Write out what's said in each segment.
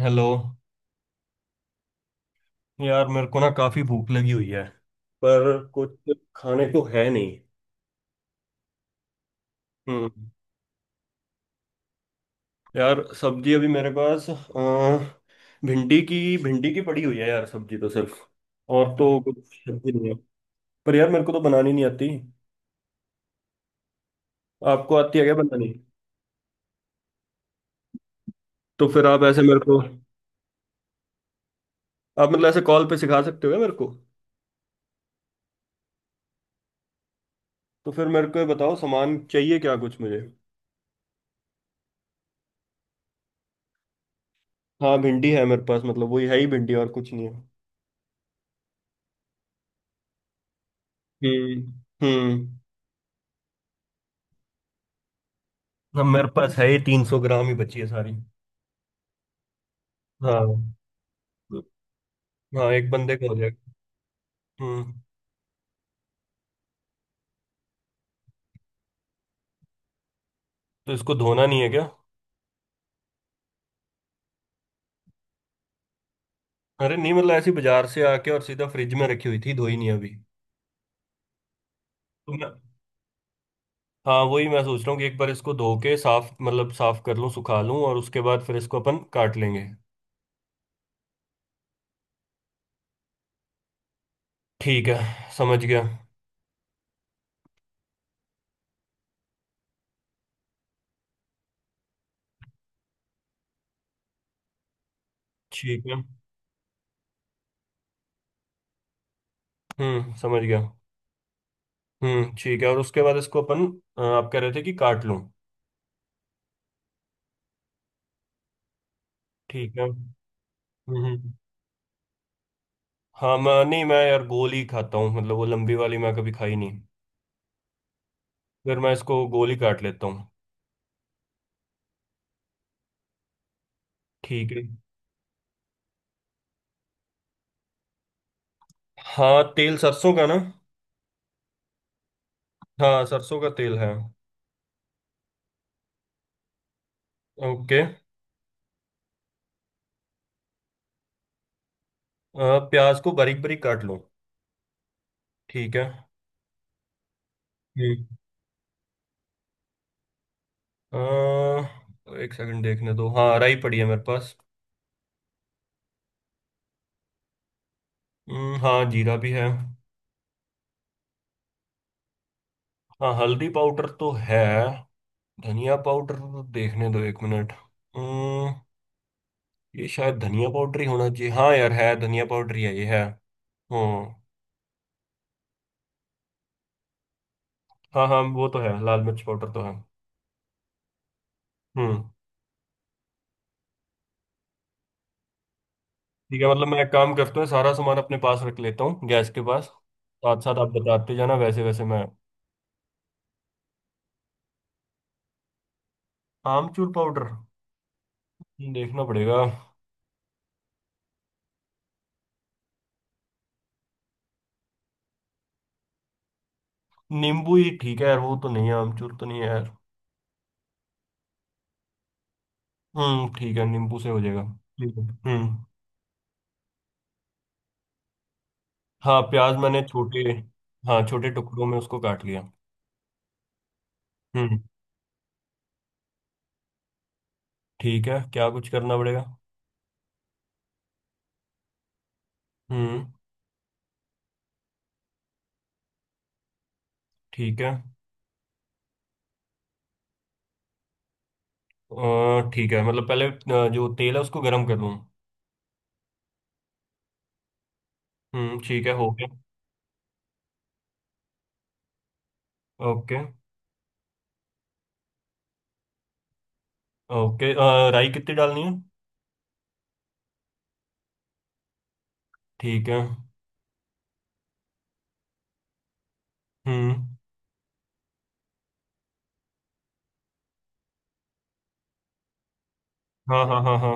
Hello. यार मेरे को ना काफी भूख लगी हुई है पर कुछ खाने को है नहीं। हम्म। यार सब्जी अभी मेरे पास भिंडी की पड़ी हुई है यार, सब्जी तो सिर्फ और तो कुछ सब्जी नहीं है। पर यार मेरे को तो बनानी नहीं आती। आपको आती है क्या बनानी? तो फिर आप ऐसे मेरे को। आप मतलब ऐसे कॉल पे सिखा सकते हो क्या मेरे को? तो फिर मेरे को ये बताओ सामान चाहिए क्या कुछ मुझे? हाँ भिंडी है मेरे पास, मतलब वही है ही भिंडी और कुछ नहीं है। हम्म। हम्म। हाँ मेरे पास है ही 300 ग्राम ही बची है सारी। हाँ। हाँ एक बंदे का हो जाएगा। हम्म। तो इसको धोना नहीं है क्या? अरे नहीं, मतलब ऐसी बाजार से आके और सीधा फ्रिज में रखी हुई थी, धोई नहीं अभी। तो मैं हाँ वही मैं सोच रहा हूँ कि एक बार इसको धो के साफ, मतलब साफ कर लूँ, सुखा लूँ और उसके बाद फिर इसको अपन काट लेंगे। ठीक है। समझ गया। ठीक है। हम्म। समझ गया। हम्म, ठीक है और उसके बाद इसको अपन। आप कह रहे थे कि काट लूँ। ठीक है। हम्म हम्म। हाँ मैं, नहीं मैं यार गोल ही खाता हूँ, मतलब वो लंबी वाली मैं कभी खाई नहीं। फिर मैं इसको गोली काट लेता हूँ। ठीक है। हाँ तेल सरसों का ना? हाँ सरसों का तेल है। ओके। प्याज को बारीक बारीक काट लो। ठीक है। हम्म। एक सेकंड, देखने दो। हाँ राई पड़ी है मेरे पास। हाँ जीरा भी है। हाँ हल्दी पाउडर तो है। धनिया पाउडर, देखने दो एक मिनट। हम्म, ये शायद धनिया पाउडर ही होना चाहिए। हाँ यार है, धनिया पाउडर ही है ये है। हम्म। हाँ हाँ वो तो है, लाल मिर्च पाउडर तो है। हम्म, ठीक है, मतलब मैं एक काम करता हूँ, सारा सामान अपने पास रख लेता हूँ गैस के पास। साथ साथ आप बताते जाना, वैसे वैसे मैं। आमचूर पाउडर? देखना पड़ेगा। नींबू ही ठीक है यार, वो तो नहीं है, आमचूर तो नहीं है यार। हम्म, ठीक है, नींबू से हो जाएगा। ठीक है। हम्म। हाँ प्याज मैंने छोटे। हाँ छोटे टुकड़ों में उसको काट लिया। हम्म, ठीक है, क्या कुछ करना पड़ेगा? हम्म, ठीक है। ठीक है, मतलब पहले जो तेल है उसको गर्म कर लूँ। हम्म, ठीक है, हो गया। ओके। ओके, राई कितनी डालनी है? ठीक है। हम्म हाँ हाँ हाँ हाँ।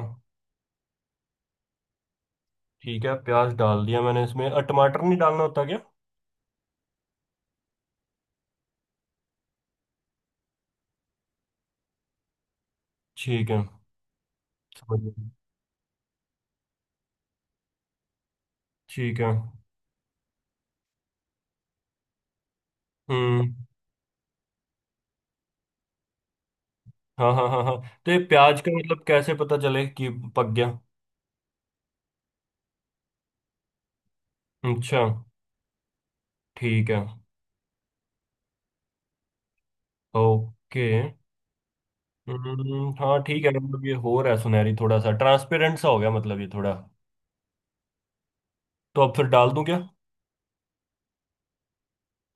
ठीक है, प्याज डाल दिया मैंने इसमें। टमाटर नहीं डालना होता क्या? ठीक है, समझ गया। ठीक है। हम्म हाँ हाँ हाँ हाँ। तो ये प्याज का मतलब कैसे पता चले कि पक गया? अच्छा। ठीक है। ओके। हम्म, हाँ ठीक है, मतलब ये हो रहा है, सुनहरी थोड़ा सा ट्रांसपेरेंट सा हो गया, मतलब ये थोड़ा। तो अब फिर डाल दूं क्या?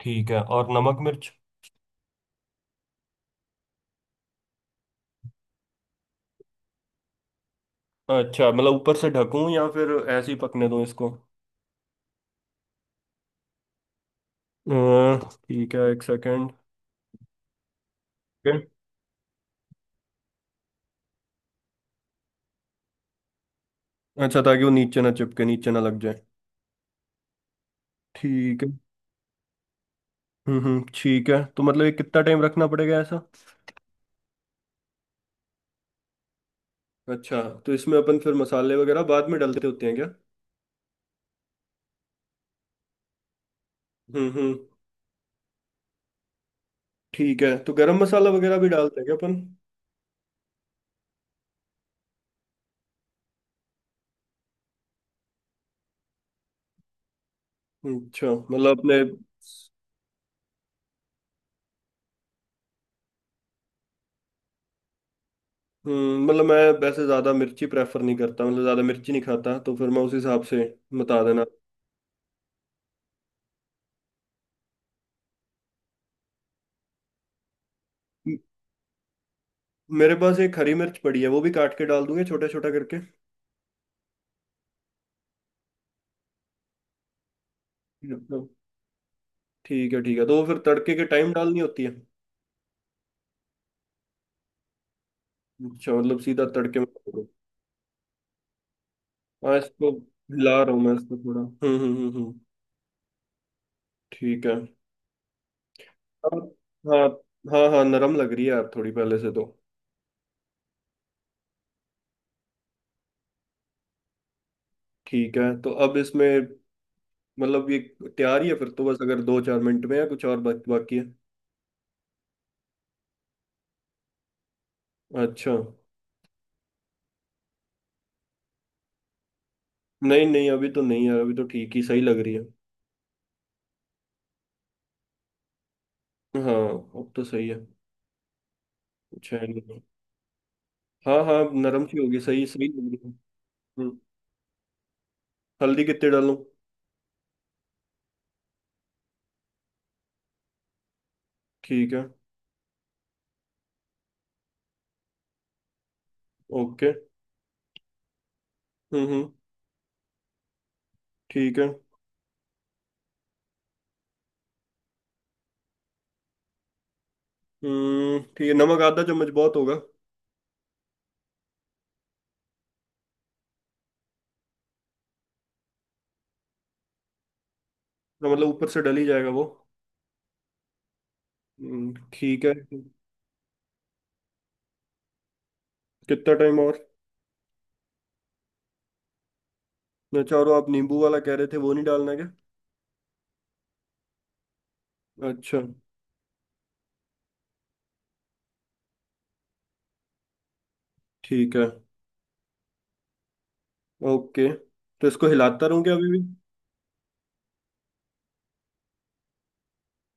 ठीक है। और नमक मिर्च? अच्छा, मतलब ऊपर से ढकूं या फिर ऐसे ही पकने दूं इसको? अ, ठीक है, एक सेकेंड। अच्छा, ताकि वो नीचे ना चिपके, नीचे ना लग जाए। ठीक है। हम्म, ठीक है। तो मतलब ये कितना टाइम रखना पड़ेगा ऐसा? अच्छा। तो इसमें अपन फिर मसाले वगैरह बाद में डालते होते हैं क्या? हम्म। ठीक है, तो गरम मसाला वगैरह भी डालते हैं क्या अपन? अच्छा, मतलब अपने। हम्म। मतलब मैं वैसे ज़्यादा मिर्ची प्रेफर नहीं करता, मतलब ज़्यादा मिर्ची नहीं खाता तो फिर मैं उस हिसाब से। बता देना। म- मेरे पास एक हरी मिर्च पड़ी है, वो भी काट के डाल दूंगे छोटा छोटा करके। मतलब ठीक है, ठीक है, तो वो फिर तड़के के टाइम डालनी होती है। अच्छा, मतलब सीधा तड़के में करो। हाँ इसको हिला रहा हूँ मैं, इसको थोड़ा। ठीक है। अब। हाँ हाँ हाँ नरम लग रही है यार, थोड़ी पहले से तो। ठीक है, तो अब इसमें। मतलब ये तैयार ही है फिर तो, बस अगर दो चार मिनट में या कुछ और बाकी है? अच्छा। नहीं नहीं, अभी तो नहीं यार, अभी तो ठीक ही सही लग रही है। हाँ। अब तो सही है। अच्छा है नहीं? हाँ हाँ, अब नरम सी होगी, सही सही लग रही है। हम्म। हल्दी कितने डालूं? ठीक है। ओके। हम्म, ठीक है। हम्म, ठीक है, नमक आधा चम्मच बहुत होगा। तो मतलब ऊपर से डल ही जाएगा वो। ठीक है। कितना टाइम और? चारों आप नींबू वाला कह रहे थे, वो नहीं डालना क्या? अच्छा। ठीक है। ओके। तो इसको हिलाता रहूं क्या अभी भी?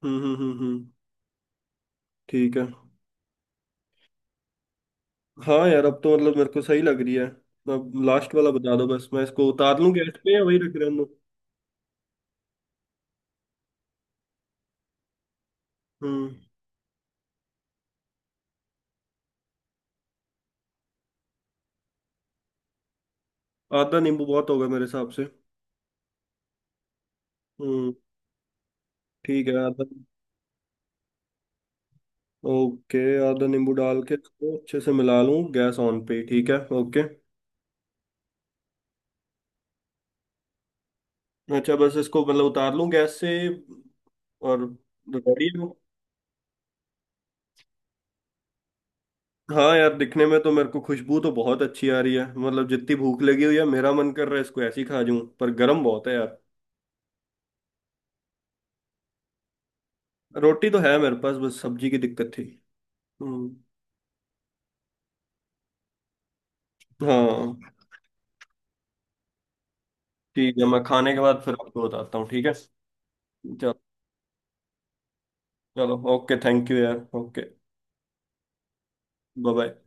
हम्म हम्म हम्म हम्म, ठीक है। हाँ यार, अब तो मतलब मेरे को सही लग रही है। अब लास्ट वाला बता दो बस, मैं इसको उतार लूं गैस पे या वही रख रहने दो? हम्म। आधा नींबू बहुत होगा मेरे हिसाब से। हम्म, ठीक है, आधा। ओके। आधा नींबू डाल के इसको अच्छे से मिला लूँ गैस ऑन पे ही, ठीक है, ओके। अच्छा, बस इसको मतलब उतार लूँ गैस से और। रेडी हूँ। हाँ यार, दिखने में तो मेरे को, खुशबू तो बहुत अच्छी आ रही है, मतलब जितनी भूख लगी हुई है, मेरा मन कर रहा है इसको ऐसे ही खा जाऊं, पर गर्म बहुत है यार। रोटी तो है मेरे पास, बस सब्जी की दिक्कत थी। हम्म। हाँ। ठीक है, मैं खाने के बाद फिर आपको बताता हूँ, ठीक है। चलो। चलो, ओके, थैंक यू यार, ओके। Bye bye.